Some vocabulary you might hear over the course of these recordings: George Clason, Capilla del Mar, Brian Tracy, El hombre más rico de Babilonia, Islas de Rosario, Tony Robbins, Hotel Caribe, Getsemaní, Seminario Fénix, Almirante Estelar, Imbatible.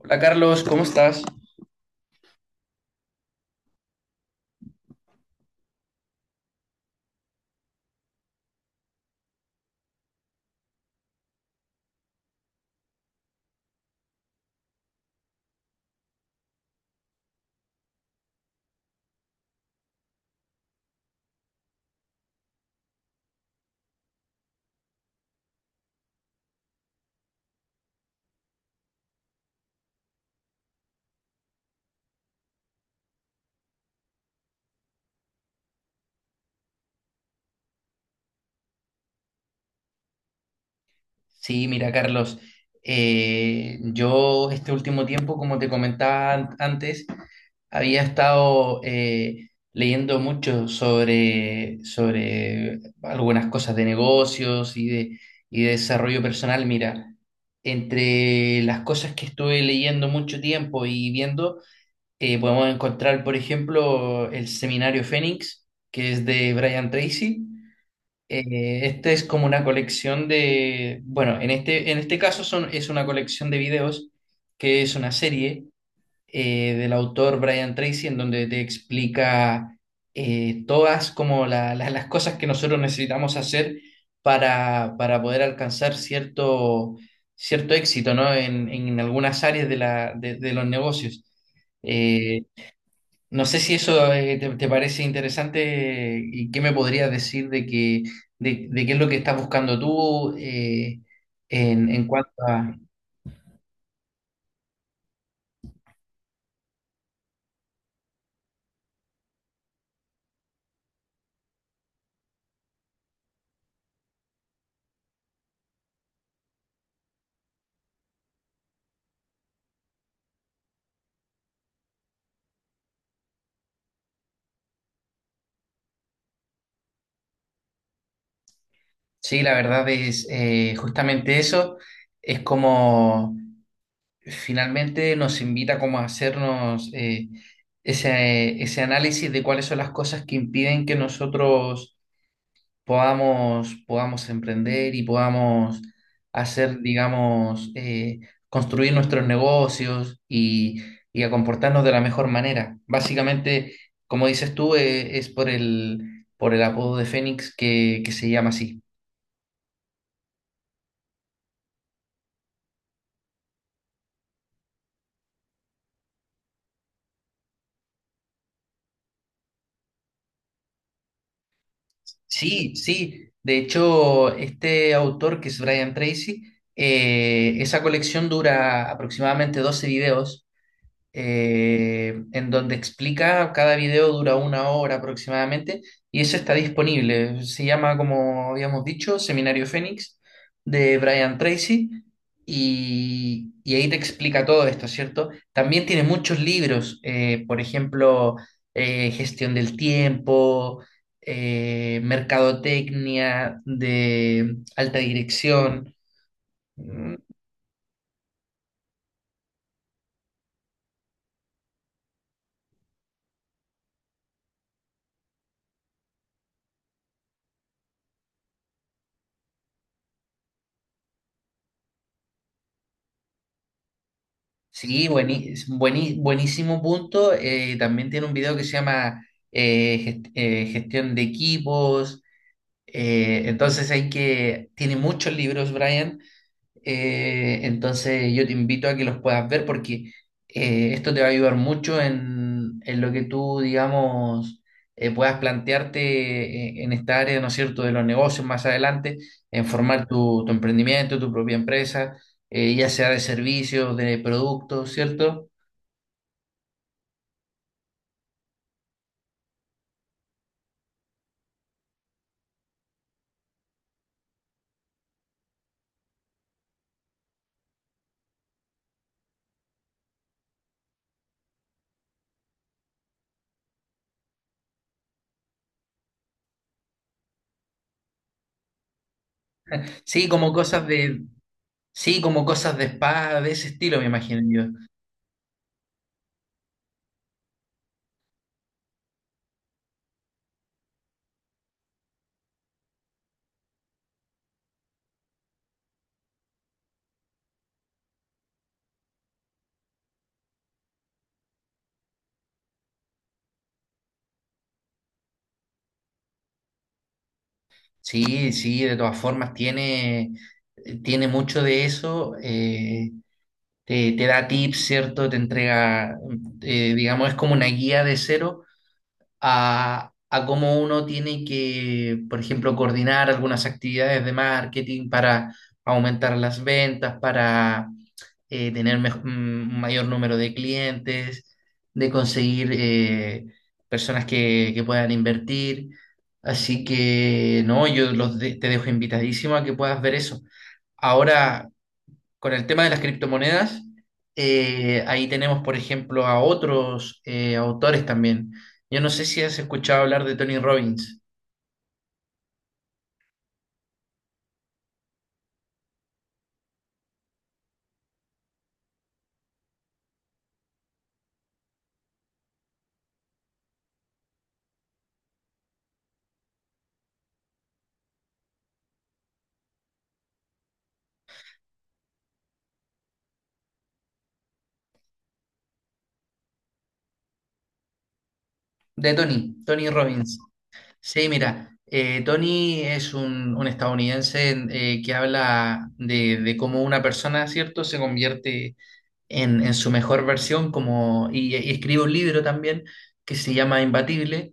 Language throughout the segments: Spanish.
Hola Carlos, ¿cómo estás? Sí, mira Carlos, yo este último tiempo, como te comentaba antes, había estado leyendo mucho sobre algunas cosas de negocios y de desarrollo personal. Mira, entre las cosas que estuve leyendo mucho tiempo y viendo, podemos encontrar, por ejemplo, el seminario Fénix, que es de Brian Tracy. Este es como una colección de, bueno, en este caso es una colección de videos que es una serie del autor Brian Tracy, en donde te explica, todas como las cosas que nosotros necesitamos hacer para poder alcanzar cierto, cierto éxito, ¿no? En algunas áreas de la, de los negocios. Eh, no sé si eso te parece interesante, y qué me podrías decir de de qué es lo que estás buscando tú, en cuanto a... Sí, la verdad es, justamente eso, es como finalmente nos invita como a hacernos, ese, ese análisis de cuáles son las cosas que impiden que nosotros podamos emprender y podamos hacer, digamos, construir nuestros negocios y a comportarnos de la mejor manera. Básicamente, como dices tú, es por el apodo de Fénix que se llama así. Sí, sí. De hecho, este autor, que es Brian Tracy, esa colección dura aproximadamente 12 videos, en donde explica, cada video dura una hora aproximadamente, y eso está disponible. Se llama, como habíamos dicho, Seminario Fénix de Brian Tracy, y ahí te explica todo esto, ¿cierto? También tiene muchos libros, por ejemplo, Gestión del Tiempo, mercadotecnia de alta dirección. Sí, buenísimo punto. También tiene un video que se llama, Gestión de Equipos. Entonces hay que, tiene muchos libros, Brian. Entonces yo te invito a que los puedas ver, porque esto te va a ayudar mucho en lo que tú, digamos, puedas plantearte, en esta área, ¿no es cierto?, de los negocios más adelante, en formar tu emprendimiento, tu propia empresa, ya sea de servicios, de productos, ¿cierto? Sí, como cosas de, Sí, como cosas de spa, de ese estilo, me imagino yo. Sí, sí, de todas formas, tiene, tiene mucho de eso. Te da tips, ¿cierto? Te entrega, digamos, es como una guía de cero a cómo uno tiene que, por ejemplo, coordinar algunas actividades de marketing para aumentar las ventas, para tener un mayor número de clientes, de conseguir personas que puedan invertir. Así que, no, yo te dejo invitadísimo a que puedas ver eso. Ahora, con el tema de las criptomonedas, ahí tenemos, por ejemplo, a otros autores también. Yo no sé si has escuchado hablar de Tony Robbins, de Tony, Tony Robbins. Sí, mira, Tony es un estadounidense que habla de cómo una persona, ¿cierto?, se convierte en su mejor versión como, y escribe un libro también que se llama Imbatible,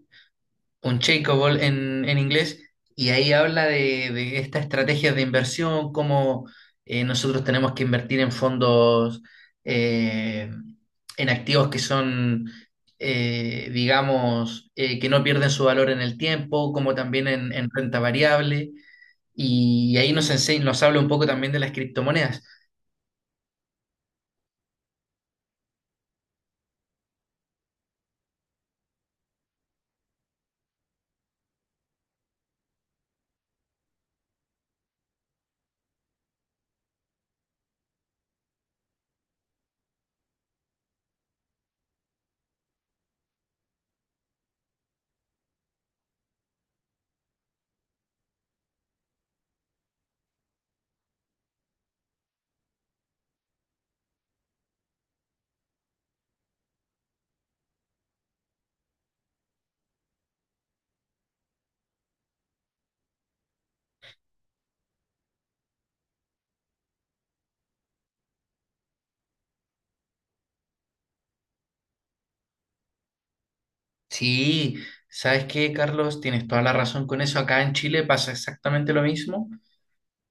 un Ball en inglés, y ahí habla de estas estrategias de inversión, cómo nosotros tenemos que invertir en fondos, eh, en activos que son, digamos, que no pierden su valor en el tiempo, como también en renta variable. Y ahí nos habla un poco también de las criptomonedas. Sí, ¿sabes qué, Carlos? Tienes toda la razón con eso. Acá en Chile pasa exactamente lo mismo.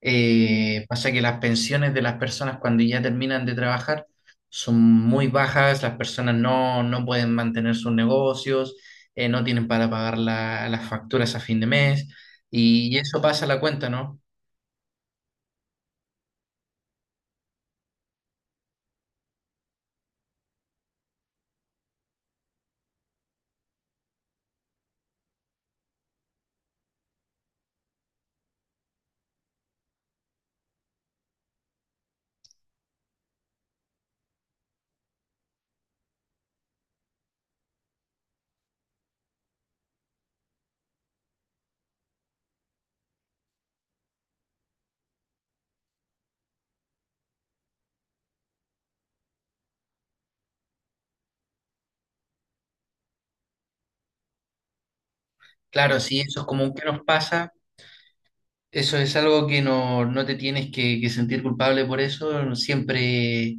Pasa que las pensiones de las personas cuando ya terminan de trabajar son muy bajas, las personas no, no pueden mantener sus negocios, no tienen para pagar las facturas a fin de mes, y eso pasa a la cuenta, ¿no? Claro, si eso es común que nos pasa, eso es algo que no, no te tienes que sentir culpable por eso, siempre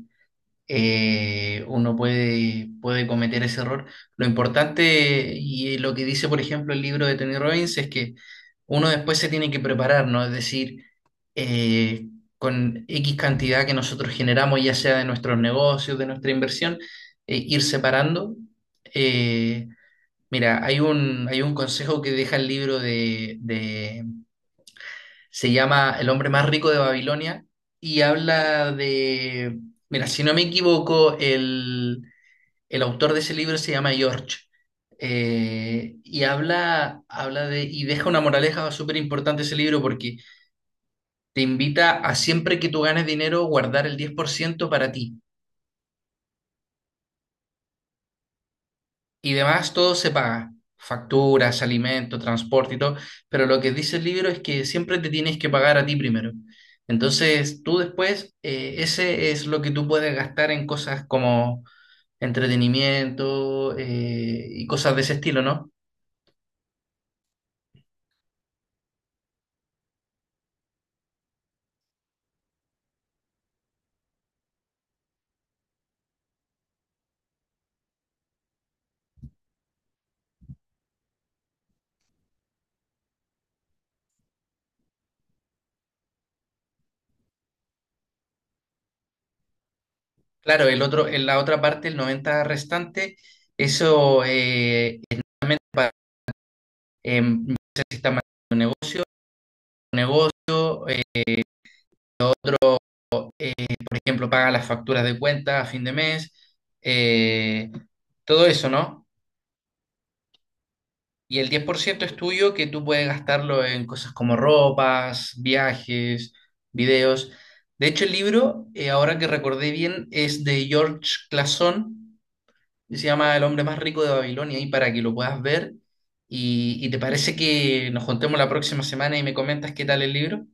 uno puede, puede cometer ese error. Lo importante y lo que dice, por ejemplo, el libro de Tony Robbins es que uno después se tiene que preparar, ¿no? Es decir, eh, con X cantidad que nosotros generamos, ya sea de nuestros negocios, de nuestra inversión, ir separando. Eh, Mira, hay un consejo que deja el libro de, se llama El hombre más rico de Babilonia, y habla de, mira, si no me equivoco, el autor de ese libro se llama George, habla de, y deja una moraleja súper importante ese libro, porque te invita a siempre que tú ganes dinero guardar el 10% para ti. Y demás, todo se paga. Facturas, alimento, transporte y todo. Pero lo que dice el libro es que siempre te tienes que pagar a ti primero. Entonces, tú después, ese es lo que tú puedes gastar en cosas como entretenimiento, y cosas de ese estilo, ¿no? Claro, el otro, en la otra parte, el 90 restante, eso eh, ya sea si está manejando un negocio, un negocio, ejemplo, paga las facturas de cuenta a fin de mes, eh, todo eso, ¿no? Y el diez por ciento es tuyo, que tú puedes gastarlo en cosas como ropas, viajes, videos. De hecho, el libro, ahora que recordé bien, es de George Clason, que se llama El hombre más rico de Babilonia, y para que lo puedas ver. Y ¿te parece que nos juntemos la próxima semana y me comentas qué tal el libro?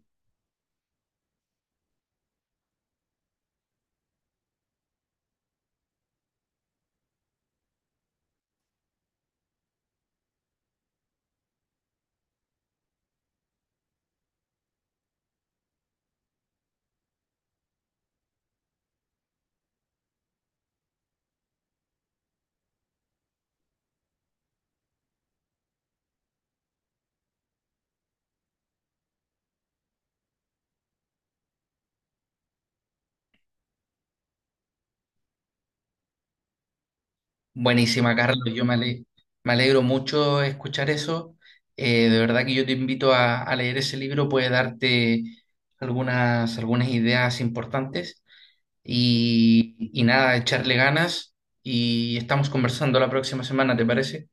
Buenísima, Carlos. Yo me alegro mucho escuchar eso. De verdad que yo te invito a leer ese libro, puede darte algunas, algunas ideas importantes. Y nada, echarle ganas y estamos conversando la próxima semana, ¿te parece?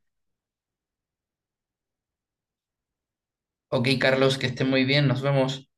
Ok, Carlos, que estés muy bien, nos vemos.